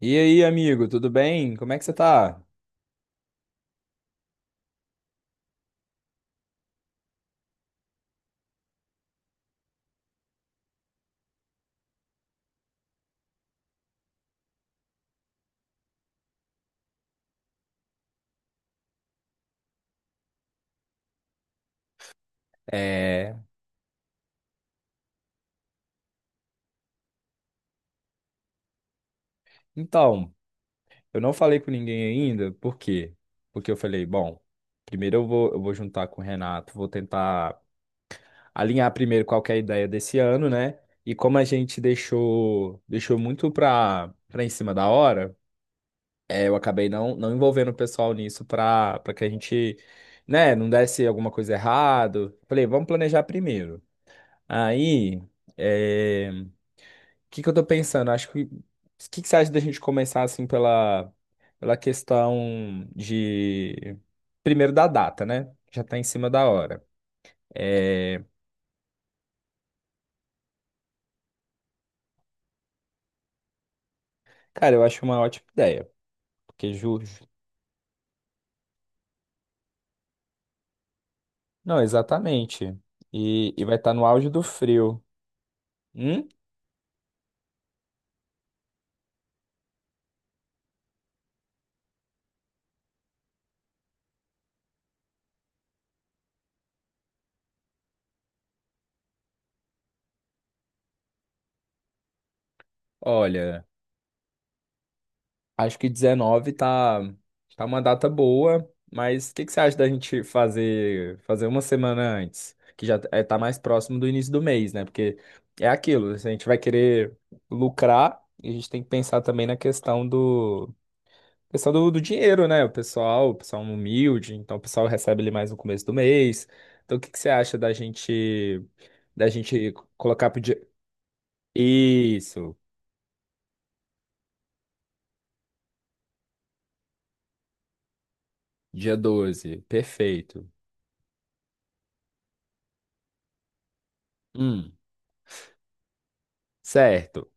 E aí, amigo, tudo bem? Como é que você tá? É... Então, eu não falei com ninguém ainda, por quê? Porque eu falei, bom, primeiro eu vou juntar com o Renato, vou tentar alinhar primeiro qual que é a ideia desse ano, né? E como a gente deixou muito pra em cima da hora, eu acabei não envolvendo o pessoal nisso pra que a gente, né, não desse alguma coisa errado. Falei, vamos planejar primeiro. Aí, o que que eu tô pensando? Acho que o que que você acha da gente começar assim pela questão de primeiro da data, né? Já tá em cima da hora. É... Cara, eu acho uma ótima ideia, porque Não, exatamente. E vai estar no auge do frio. Hum? Olha. Acho que tá uma data boa, mas o que que você acha da gente fazer uma semana antes, que já é, tá mais próximo do início do mês, né? Porque é aquilo, a gente vai querer lucrar e a gente tem que pensar também na questão do dinheiro, né? O pessoal humilde, então o pessoal recebe ali mais no começo do mês. Então o que que você acha da gente colocar pro dia... Isso, dia 12 perfeito. Hum, certo.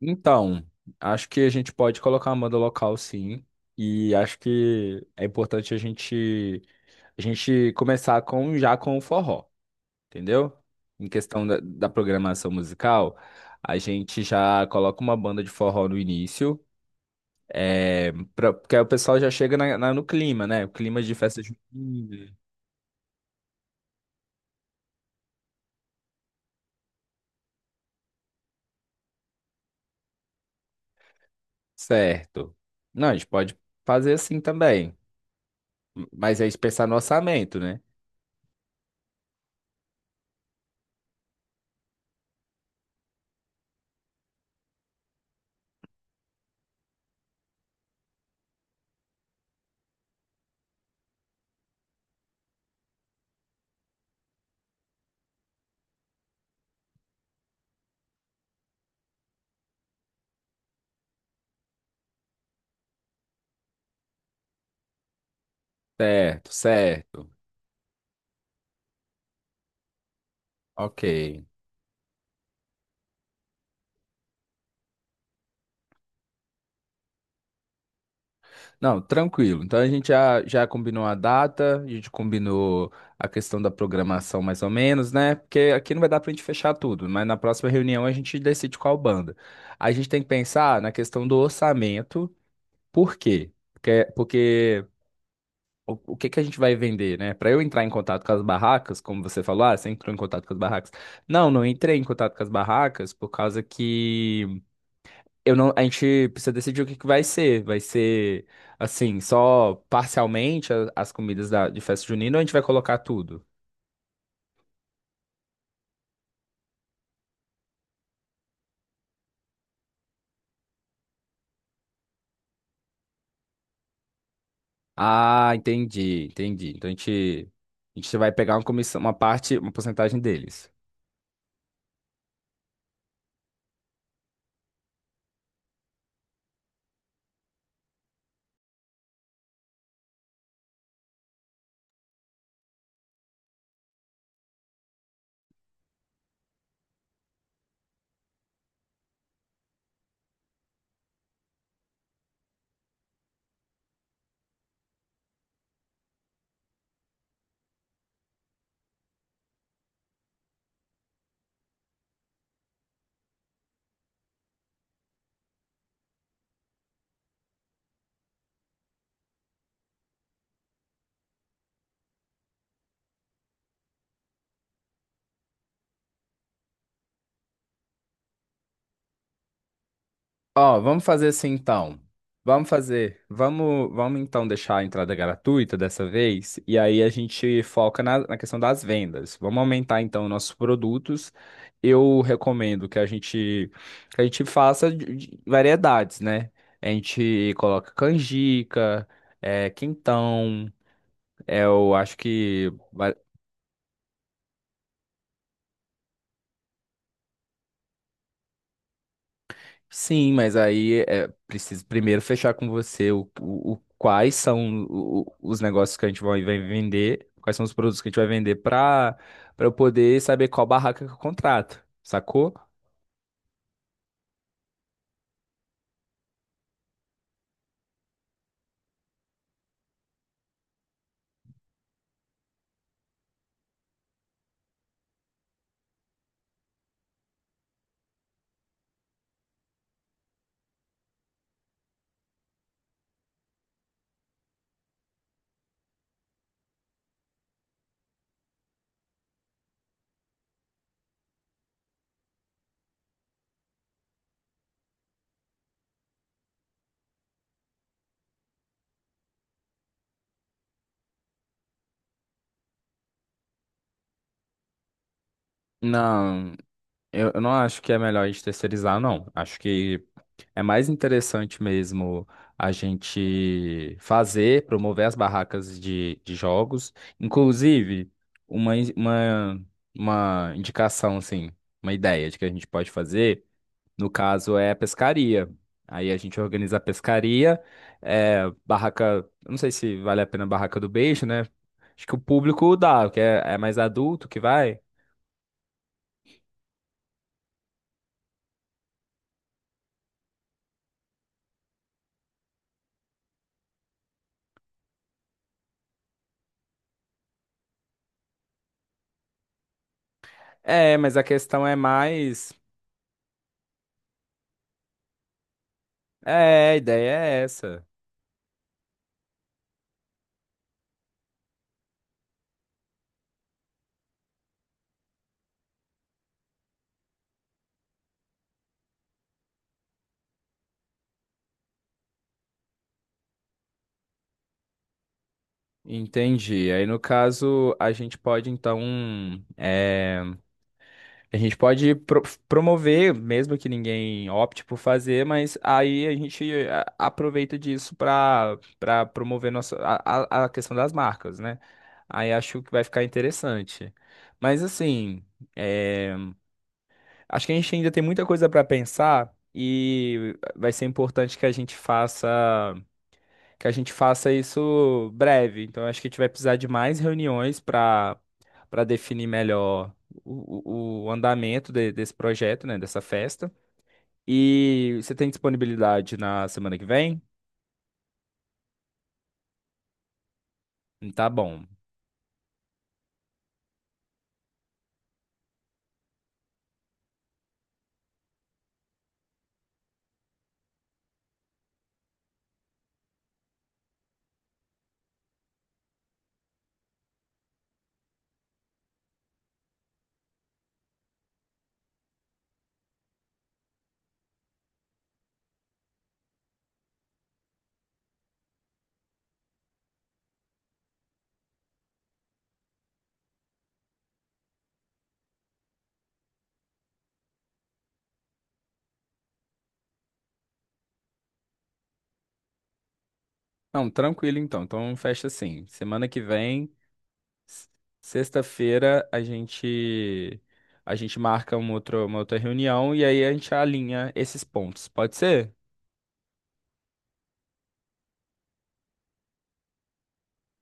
Então, acho que a gente pode colocar uma banda local, sim. E acho que é importante a gente começar com já com o forró, entendeu? Em questão da, da programação musical, a gente já coloca uma banda de forró no início, é, pra, porque aí o pessoal já chega no clima, né? O clima de festa junina. Certo. Não, a gente pode fazer assim também, mas é pensar no orçamento, né? Certo, certo. Ok. Não, tranquilo. Então a gente já combinou a data, a gente combinou a questão da programação mais ou menos, né? Porque aqui não vai dar pra gente fechar tudo, mas na próxima reunião a gente decide qual banda. A gente tem que pensar na questão do orçamento, por quê? Porque o que que a gente vai vender, né? Para eu entrar em contato com as barracas, como você falou, ah, você entrou em contato com as barracas. Não, não entrei em contato com as barracas por causa que eu não, a gente precisa decidir o que que vai ser. Vai ser, assim, só parcialmente as comidas da, de festa junina ou a gente vai colocar tudo? Ah, entendi, entendi. Então a gente vai pegar uma comissão, uma parte, uma porcentagem deles. Ó, vamos fazer assim então. Vamos fazer. Vamos então deixar a entrada gratuita dessa vez. E aí a gente foca na questão das vendas. Vamos aumentar então nossos produtos. Eu recomendo que a gente faça de variedades, né? A gente coloca canjica, é, quentão. É, eu acho que. Sim, mas aí é preciso primeiro fechar com você quais são os negócios que vai vender, quais são os produtos que a gente vai vender para para eu poder saber qual barraca que eu contrato, sacou? Não. Eu não acho que é melhor a gente terceirizar, não. Acho que é mais interessante mesmo a gente fazer, promover as barracas de jogos. Inclusive, uma, in- uma, uma indicação, assim, uma ideia de que a gente pode fazer, no caso, é a pescaria. Aí a gente organiza a pescaria, é, barraca. Eu Não sei se vale a pena a barraca do beijo, né? Acho que o público dá, é mais adulto que vai. É, mas a questão é mais. É, a ideia é essa. Entendi. Aí, no caso, a gente pode, então, é, a gente pode promover, mesmo que ninguém opte por fazer, mas aí a gente aproveita disso para para promover nossa, a a questão das marcas, né? Aí acho que vai ficar interessante. Mas, assim, é, acho que a gente ainda tem muita coisa para pensar e vai ser importante que a gente faça. Que a gente faça isso breve. Então, acho que a gente vai precisar de mais reuniões para para definir melhor o andamento desse projeto, né, dessa festa. E você tem disponibilidade na semana que vem? Tá bom. Não, tranquilo então. Então, fecha assim. Semana que vem, s- sexta-feira, a gente marca uma outra reunião e aí a gente alinha esses pontos. Pode ser?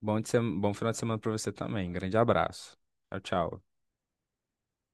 Bom, de sem- bom final de semana para você também. Grande abraço. Tchau, tchau.